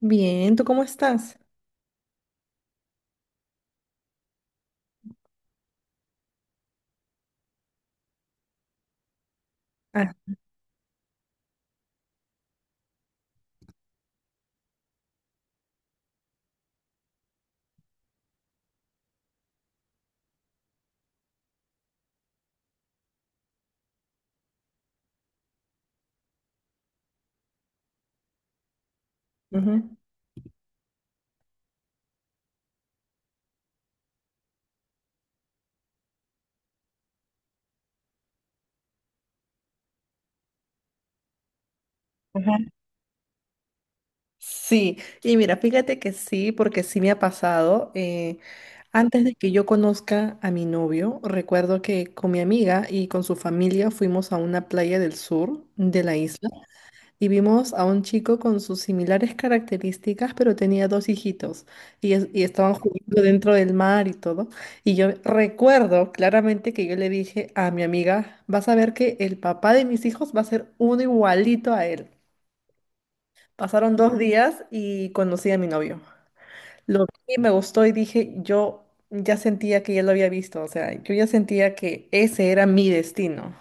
Bien, ¿tú cómo estás? Ah, ujú. Ajá. Sí, y mira, fíjate que sí, porque sí me ha pasado. Antes de que yo conozca a mi novio, recuerdo que con mi amiga y con su familia fuimos a una playa del sur de la isla. Y vimos a un chico con sus similares características, pero tenía dos hijitos y estaban jugando dentro del mar y todo. Y yo recuerdo claramente que yo le dije a mi amiga, vas a ver que el papá de mis hijos va a ser uno igualito a él. Pasaron 2 días y conocí a mi novio. Lo vi, me gustó y dije, yo ya sentía que ya lo había visto, o sea, yo ya sentía que ese era mi destino.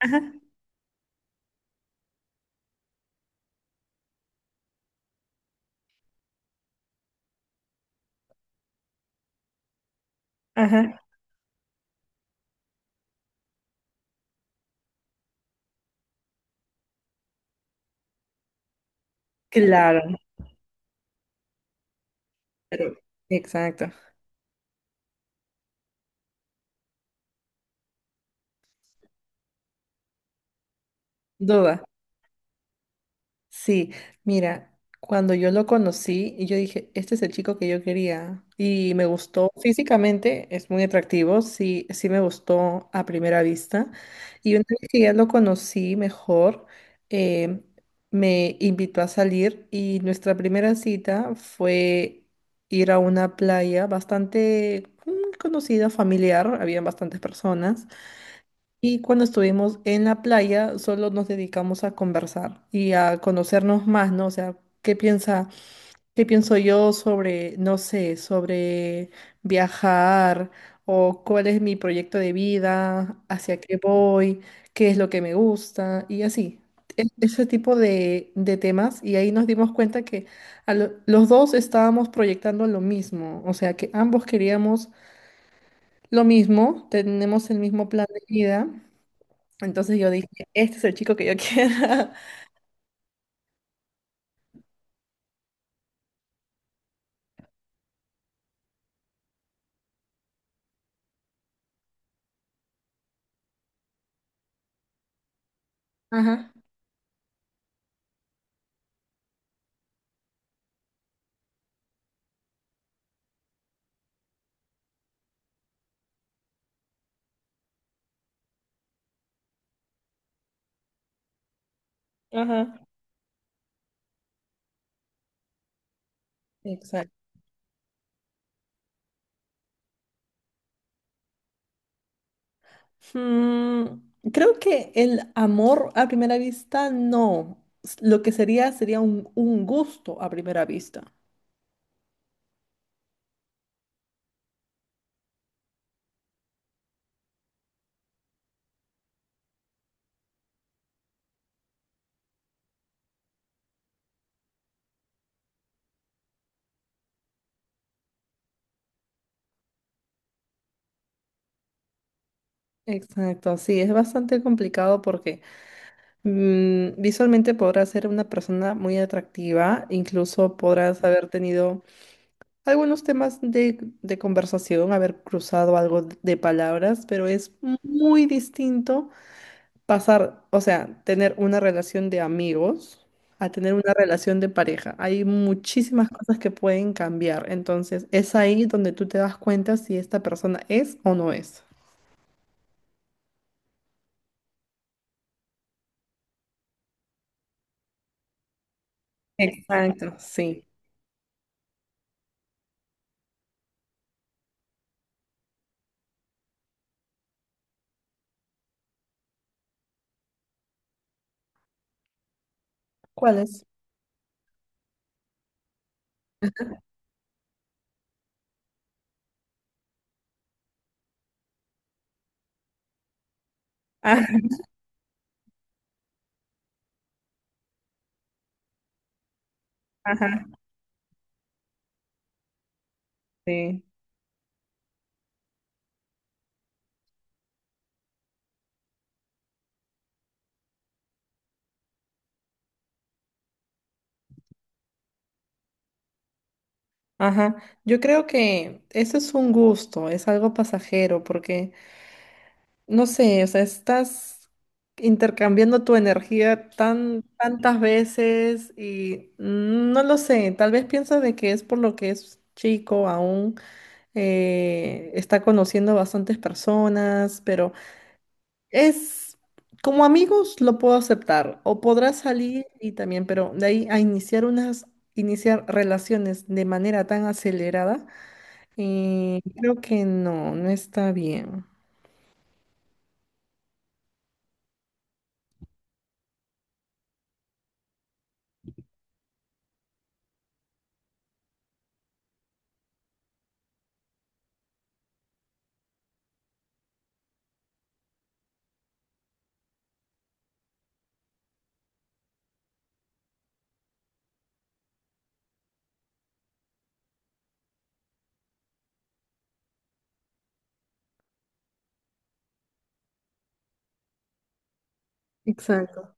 Ajá. Ajá, claro, pero- exacto. Duda. Sí, mira, cuando yo lo conocí, y yo dije, este es el chico que yo quería y me gustó físicamente, es muy atractivo, sí, sí me gustó a primera vista. Y una vez que ya lo conocí mejor, eh, me invitó a salir y nuestra primera cita fue ir a una playa bastante conocida, familiar, habían bastantes personas. Y cuando estuvimos en la playa, solo nos dedicamos a conversar y a conocernos más, ¿no? O sea, ¿qué piensa, ¿qué pienso yo sobre, no sé, sobre viajar o cuál es mi proyecto de vida, hacia qué voy, qué es lo que me gusta y así. Ese tipo de temas y ahí nos dimos cuenta que los dos estábamos proyectando lo mismo, o sea que ambos queríamos lo mismo, tenemos el mismo plan de vida. Entonces yo dije, este es el chico que yo quiero. Ajá, ajá. Exacto. Mm, Creo que el amor a primera vista no. Lo que sería un, gusto a primera vista. Exacto, sí, es bastante complicado porque visualmente podrás ser una persona muy atractiva, incluso podrás haber tenido algunos temas de conversación, haber cruzado algo de palabras, pero es muy distinto pasar, o sea, tener una relación de amigos a tener una relación de pareja. Hay muchísimas cosas que pueden cambiar. Entonces, es ahí donde tú te das cuenta si esta persona es o no es. Exacto, sí. ¿Cuál es? Ah, ajá, sí. Ajá. Yo creo que eso es un gusto, es algo pasajero, porque no sé, o sea, estás intercambiando tu energía tantas veces y no lo sé, tal vez piensa de que es por lo que es chico aún, está conociendo bastantes personas, pero es como amigos lo puedo aceptar o podrás salir y también, pero de ahí a iniciar unas, iniciar relaciones de manera tan acelerada, creo que no, no está bien. Exacto.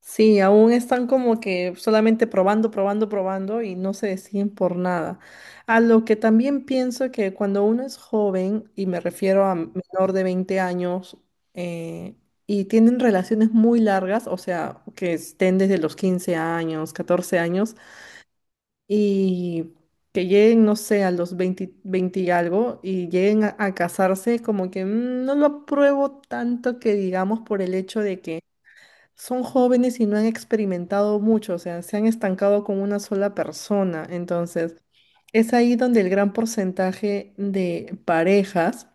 Sí, aún están como que solamente probando, probando, probando y no se deciden por nada. A lo que también pienso que cuando uno es joven, y me refiero a menor de 20 años, eh, y tienen relaciones muy largas, o sea, que estén desde los 15 años, 14 años, y que lleguen, no sé, a los 20, y algo, y lleguen a casarse, como que no lo apruebo tanto que digamos por el hecho de que son jóvenes y no han experimentado mucho, o sea, se han estancado con una sola persona. Entonces, es ahí donde el gran porcentaje de parejas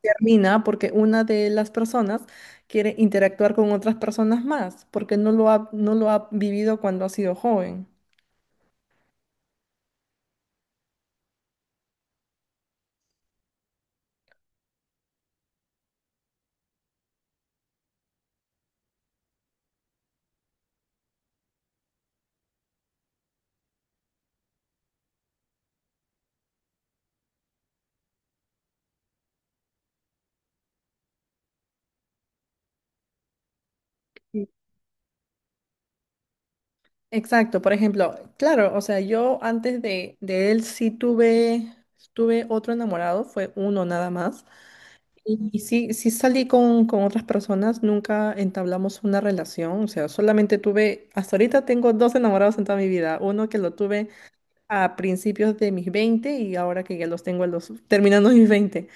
termina porque una de las personas quiere interactuar con otras personas más, porque no lo ha vivido cuando ha sido joven. Exacto, por ejemplo, claro, o sea, yo antes de él sí tuve otro enamorado, fue uno nada más. Y sí, sí salí con otras personas, nunca entablamos una relación, o sea, solamente tuve, hasta ahorita tengo dos enamorados en toda mi vida, uno que lo tuve a principios de mis 20 y ahora que ya los tengo a los, terminando mis veinte.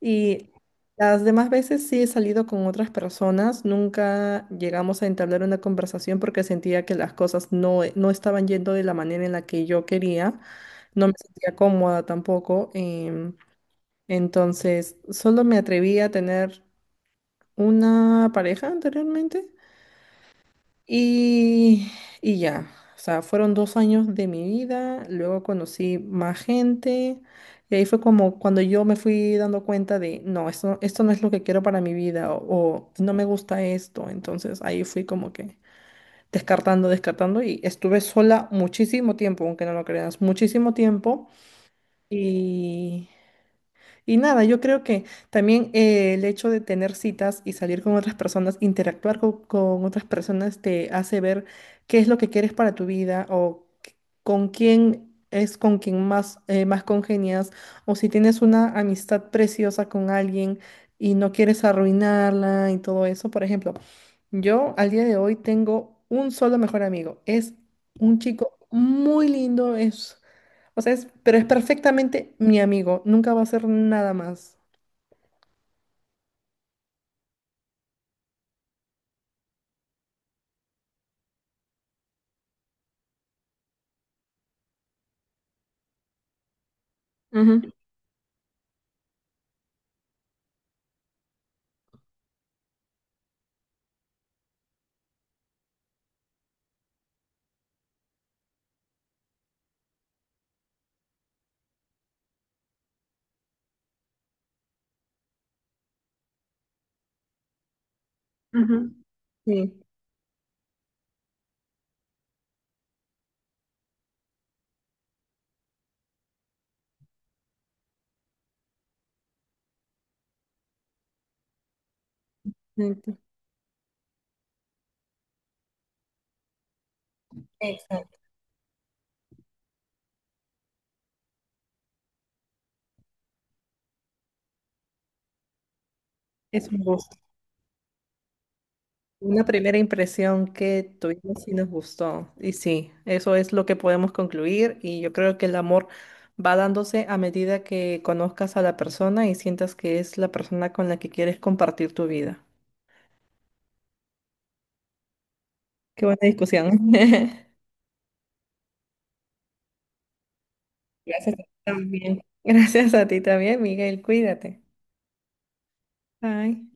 Y las demás veces sí he salido con otras personas, nunca llegamos a entablar una conversación porque sentía que las cosas no estaban yendo de la manera en la que yo quería, no me sentía cómoda tampoco. Entonces, solo me atreví a tener una pareja anteriormente y, y ya, o sea, fueron 2 años de mi vida, luego conocí más gente y ahí fue como cuando yo me fui dando cuenta de, no, esto no es lo que quiero para mi vida o no me gusta esto, entonces ahí fui como que descartando, descartando y estuve sola muchísimo tiempo, aunque no lo creas, muchísimo tiempo y y nada, yo creo que también el hecho de tener citas y salir con otras personas, interactuar otras personas, te hace ver qué es lo que quieres para tu vida o con quién es con quien más, más congenias o si tienes una amistad preciosa con alguien y no quieres arruinarla y todo eso. Por ejemplo, yo al día de hoy tengo un solo mejor amigo. Es un chico muy lindo, es, o sea, es, pero es perfectamente mi amigo. Nunca va a ser nada más. Ujú, ujú. Sí, exacto. Exacto. Es un gusto. Una primera impresión que tuvimos y nos gustó. Y sí, eso es lo que podemos concluir. Y yo creo que el amor va dándose a medida que conozcas a la persona y sientas que es la persona con la que quieres compartir tu vida. Qué buena discusión. Gracias a ti también. Gracias a ti también, Miguel. Cuídate. Bye.